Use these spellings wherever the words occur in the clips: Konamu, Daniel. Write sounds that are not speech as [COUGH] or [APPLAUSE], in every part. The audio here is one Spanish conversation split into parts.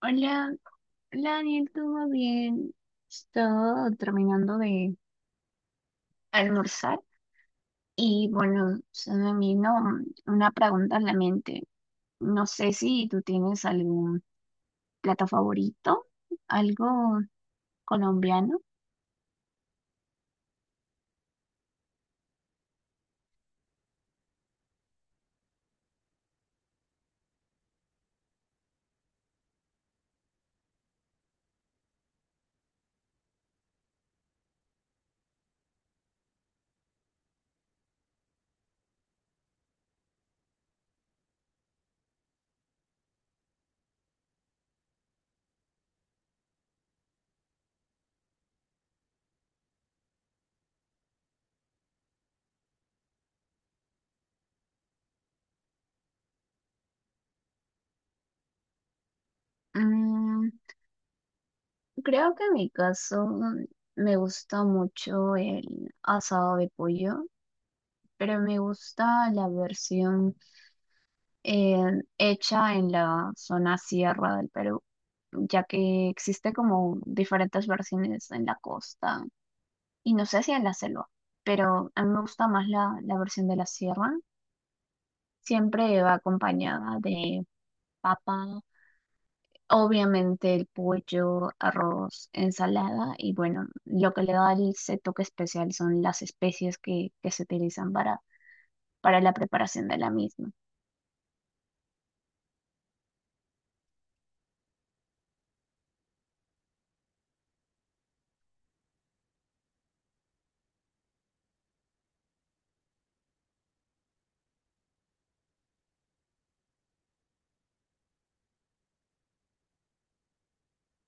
Hola, hola Daniel, ¿todo bien? Estoy terminando de almorzar y bueno, se me vino una pregunta a la mente. No sé si tú tienes algún plato favorito, algo colombiano. Mm, creo que en mi caso me gusta mucho el asado de pollo, pero me gusta la versión hecha en la zona sierra del Perú, ya que existe como diferentes versiones en la costa y no sé si en la selva, pero a mí me gusta más la versión de la sierra. Siempre va acompañada de papa, obviamente el pollo, arroz, ensalada y bueno, lo que le da ese toque especial son las especies que se utilizan para la preparación de la misma.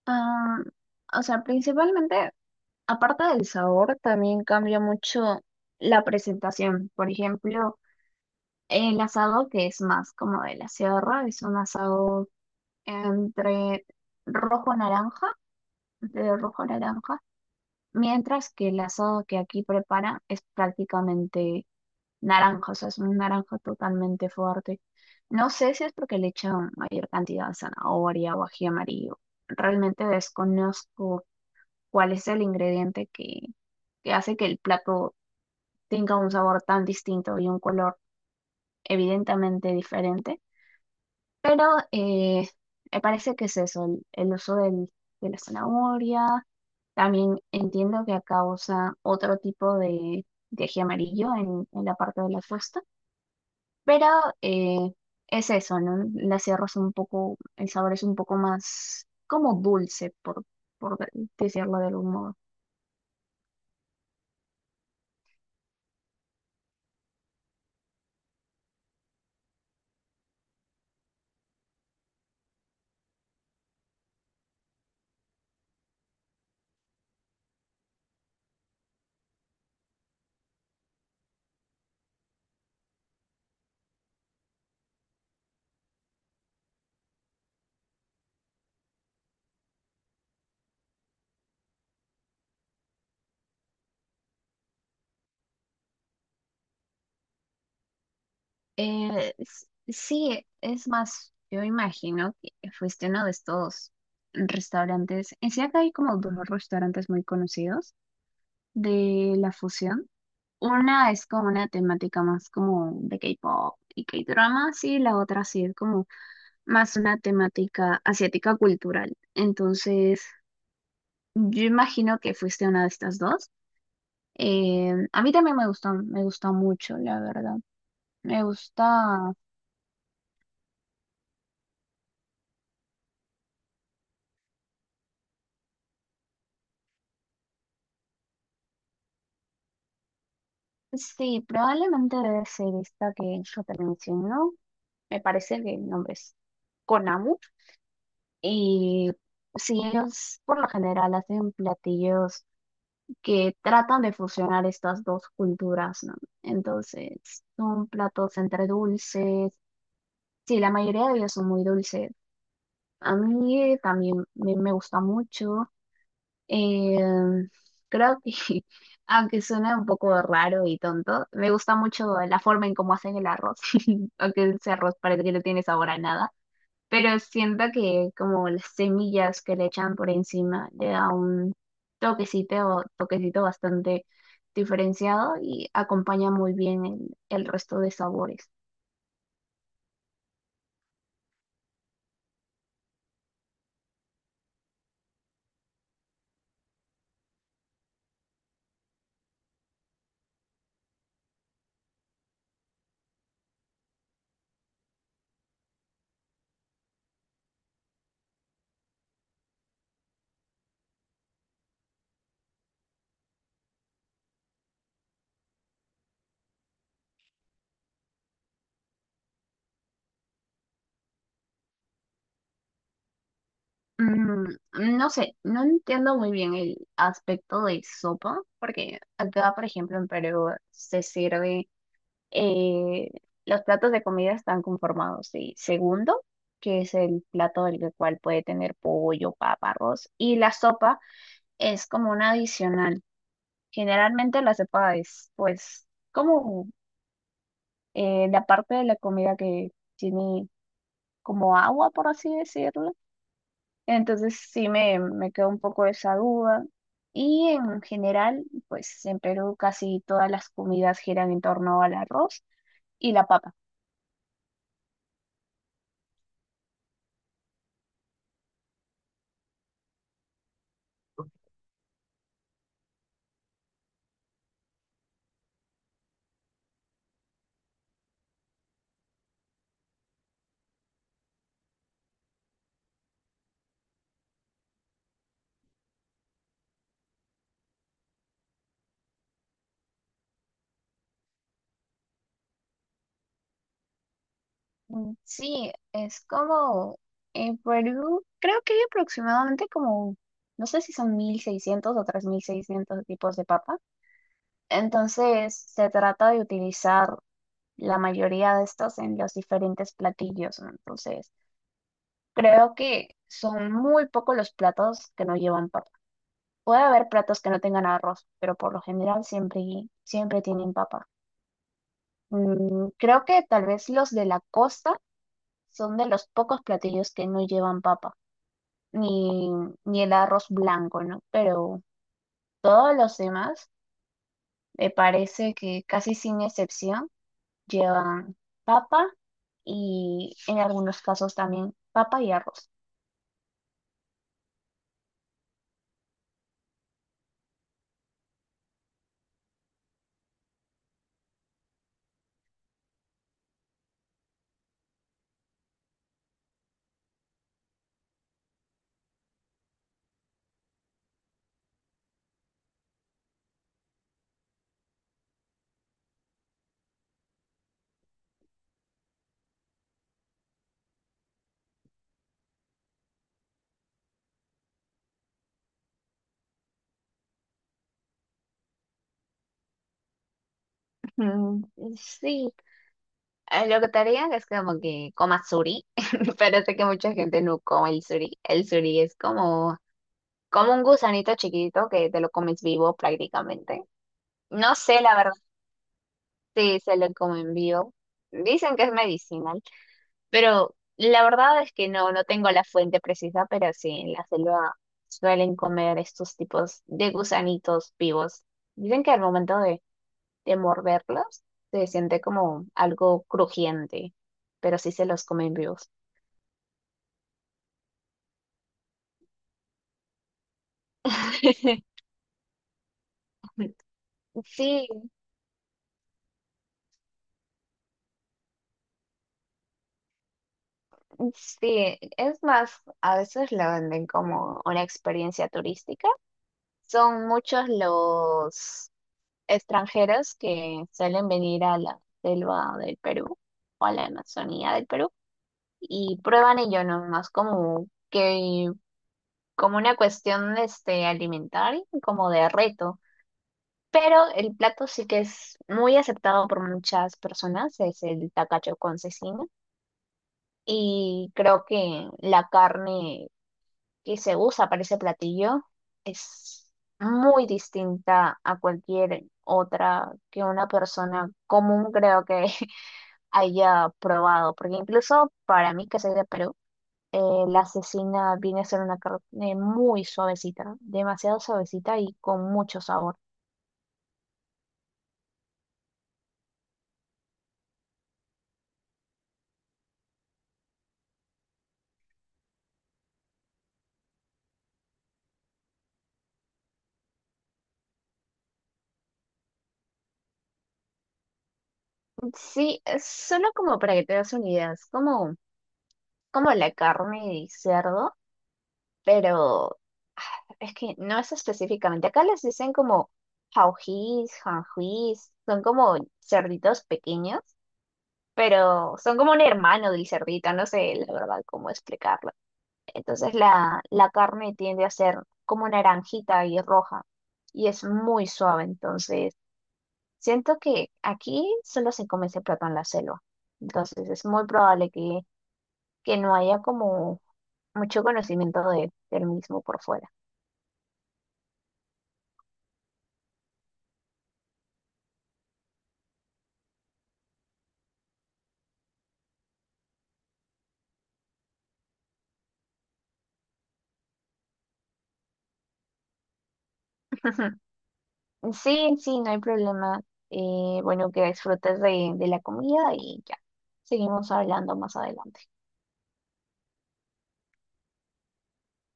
Ah, o sea, principalmente aparte del sabor, también cambia mucho la presentación. Por ejemplo, el asado que es más como de la sierra, es un asado entre rojo-naranja, entre rojo-naranja, mientras que el asado que aquí prepara es prácticamente naranja, o sea, es un naranja totalmente fuerte. No sé si es porque le echan mayor cantidad de zanahoria o ají amarillo. Realmente desconozco cuál es el ingrediente que hace que el plato tenga un sabor tan distinto y un color evidentemente diferente. Pero eh, me parece que es eso, el uso de la zanahoria. También entiendo que causa otro tipo de ají amarillo en la parte de la fusta, pero eh, es eso, ¿no? La sierra es un poco, el sabor es un poco más como dulce, por decirlo de algún modo. Sí, es más, yo imagino que fuiste a uno de estos restaurantes. En sí, acá hay como dos restaurantes muy conocidos de la fusión. Una es como una temática más como de K-pop y K-drama, y la otra sí es como más una temática asiática cultural. Entonces, yo imagino que fuiste a una de estas dos. A mí también me gustó mucho, la verdad. Me gusta. Sí, probablemente debe ser esta que yo te menciono. Me parece que el nombre es Konamu. Y sí, ellos por lo general hacen platillos que tratan de fusionar estas dos culturas, ¿no? Entonces, son platos entre dulces. Sí, la mayoría de ellos son muy dulces. A mí también me gusta mucho. Eh, creo que, [LAUGHS] aunque suena un poco raro y tonto, me gusta mucho la forma en cómo hacen el arroz, [LAUGHS] aunque ese arroz parece que no tiene sabor a nada, pero siento que como las semillas que le echan por encima le da un toquecito, toquecito bastante diferenciado y acompaña muy bien el resto de sabores. Mm, no sé, no entiendo muy bien el aspecto de sopa, porque acá, por ejemplo, en Perú se sirve eh, los platos de comida están conformados de segundo, que es el plato del cual puede tener pollo, papa, arroz, y la sopa es como un adicional. Generalmente la sopa es pues como la parte de la comida que tiene como agua, por así decirlo. Entonces sí me quedó un poco esa duda. Y en general, pues en Perú casi todas las comidas giran en torno al arroz y la papa. Mm, sí, es como en Perú, creo que hay aproximadamente como, no sé si son 1600 o 3600 tipos de papa. Entonces, se trata de utilizar la mayoría de estos en los diferentes platillos, ¿no? Entonces, creo que son muy pocos los platos que no llevan papa. Puede haber platos que no tengan arroz, pero por lo general siempre, siempre tienen papa. Mm, creo que tal vez los de la costa son de los pocos platillos que no llevan papa. Ni, ni el arroz blanco, ¿no? Pero todos los demás, me parece que casi sin excepción, llevan papa y en algunos casos también papa y arroz. Mm, sí. Lo que te haría es como que comas suri, [LAUGHS] pero sé que mucha gente no come el suri. El suri es como, como un gusanito chiquitito que te lo comes vivo prácticamente. No sé, la verdad, sí se lo comen vivo. Dicen que es medicinal, pero la verdad es que no, no tengo la fuente precisa, pero sí, en la selva suelen comer estos tipos de gusanitos vivos. Dicen que al momento de morderlos se siente como algo crujiente, pero sí se los comen vivos. [LAUGHS] Sí, sí, es más, a veces la venden como una experiencia turística. Son muchos los extranjeros que suelen venir a la selva del Perú o a la Amazonía del Perú y prueban ello nomás como que como una cuestión este alimentaria, como de reto. Pero el plato sí que es muy aceptado por muchas personas, es el tacacho con cecina. Y creo que la carne que se usa para ese platillo es muy distinta a cualquier otra que una persona común creo que [LAUGHS] haya probado, porque incluso para mí que soy de Perú, eh, la cecina viene a ser una carne muy suavecita, demasiado suavecita y con mucho sabor. Sí, es solo como para que te des una idea, es como, como la carne de cerdo pero ah, es que no es específicamente. Acá les dicen como jaujíes, janjuís, son como cerditos pequeños, pero son como un hermano del cerdito, no sé la verdad cómo explicarlo. Entonces la carne tiende a ser como naranjita y roja y es muy suave, entonces siento que aquí solo se come ese plato en la selva. Entonces es muy probable que no haya como mucho conocimiento del mismo por fuera. [LAUGHS] Sí, sí, no hay problema. Bueno, que disfrutes de la comida y ya. Seguimos hablando más adelante.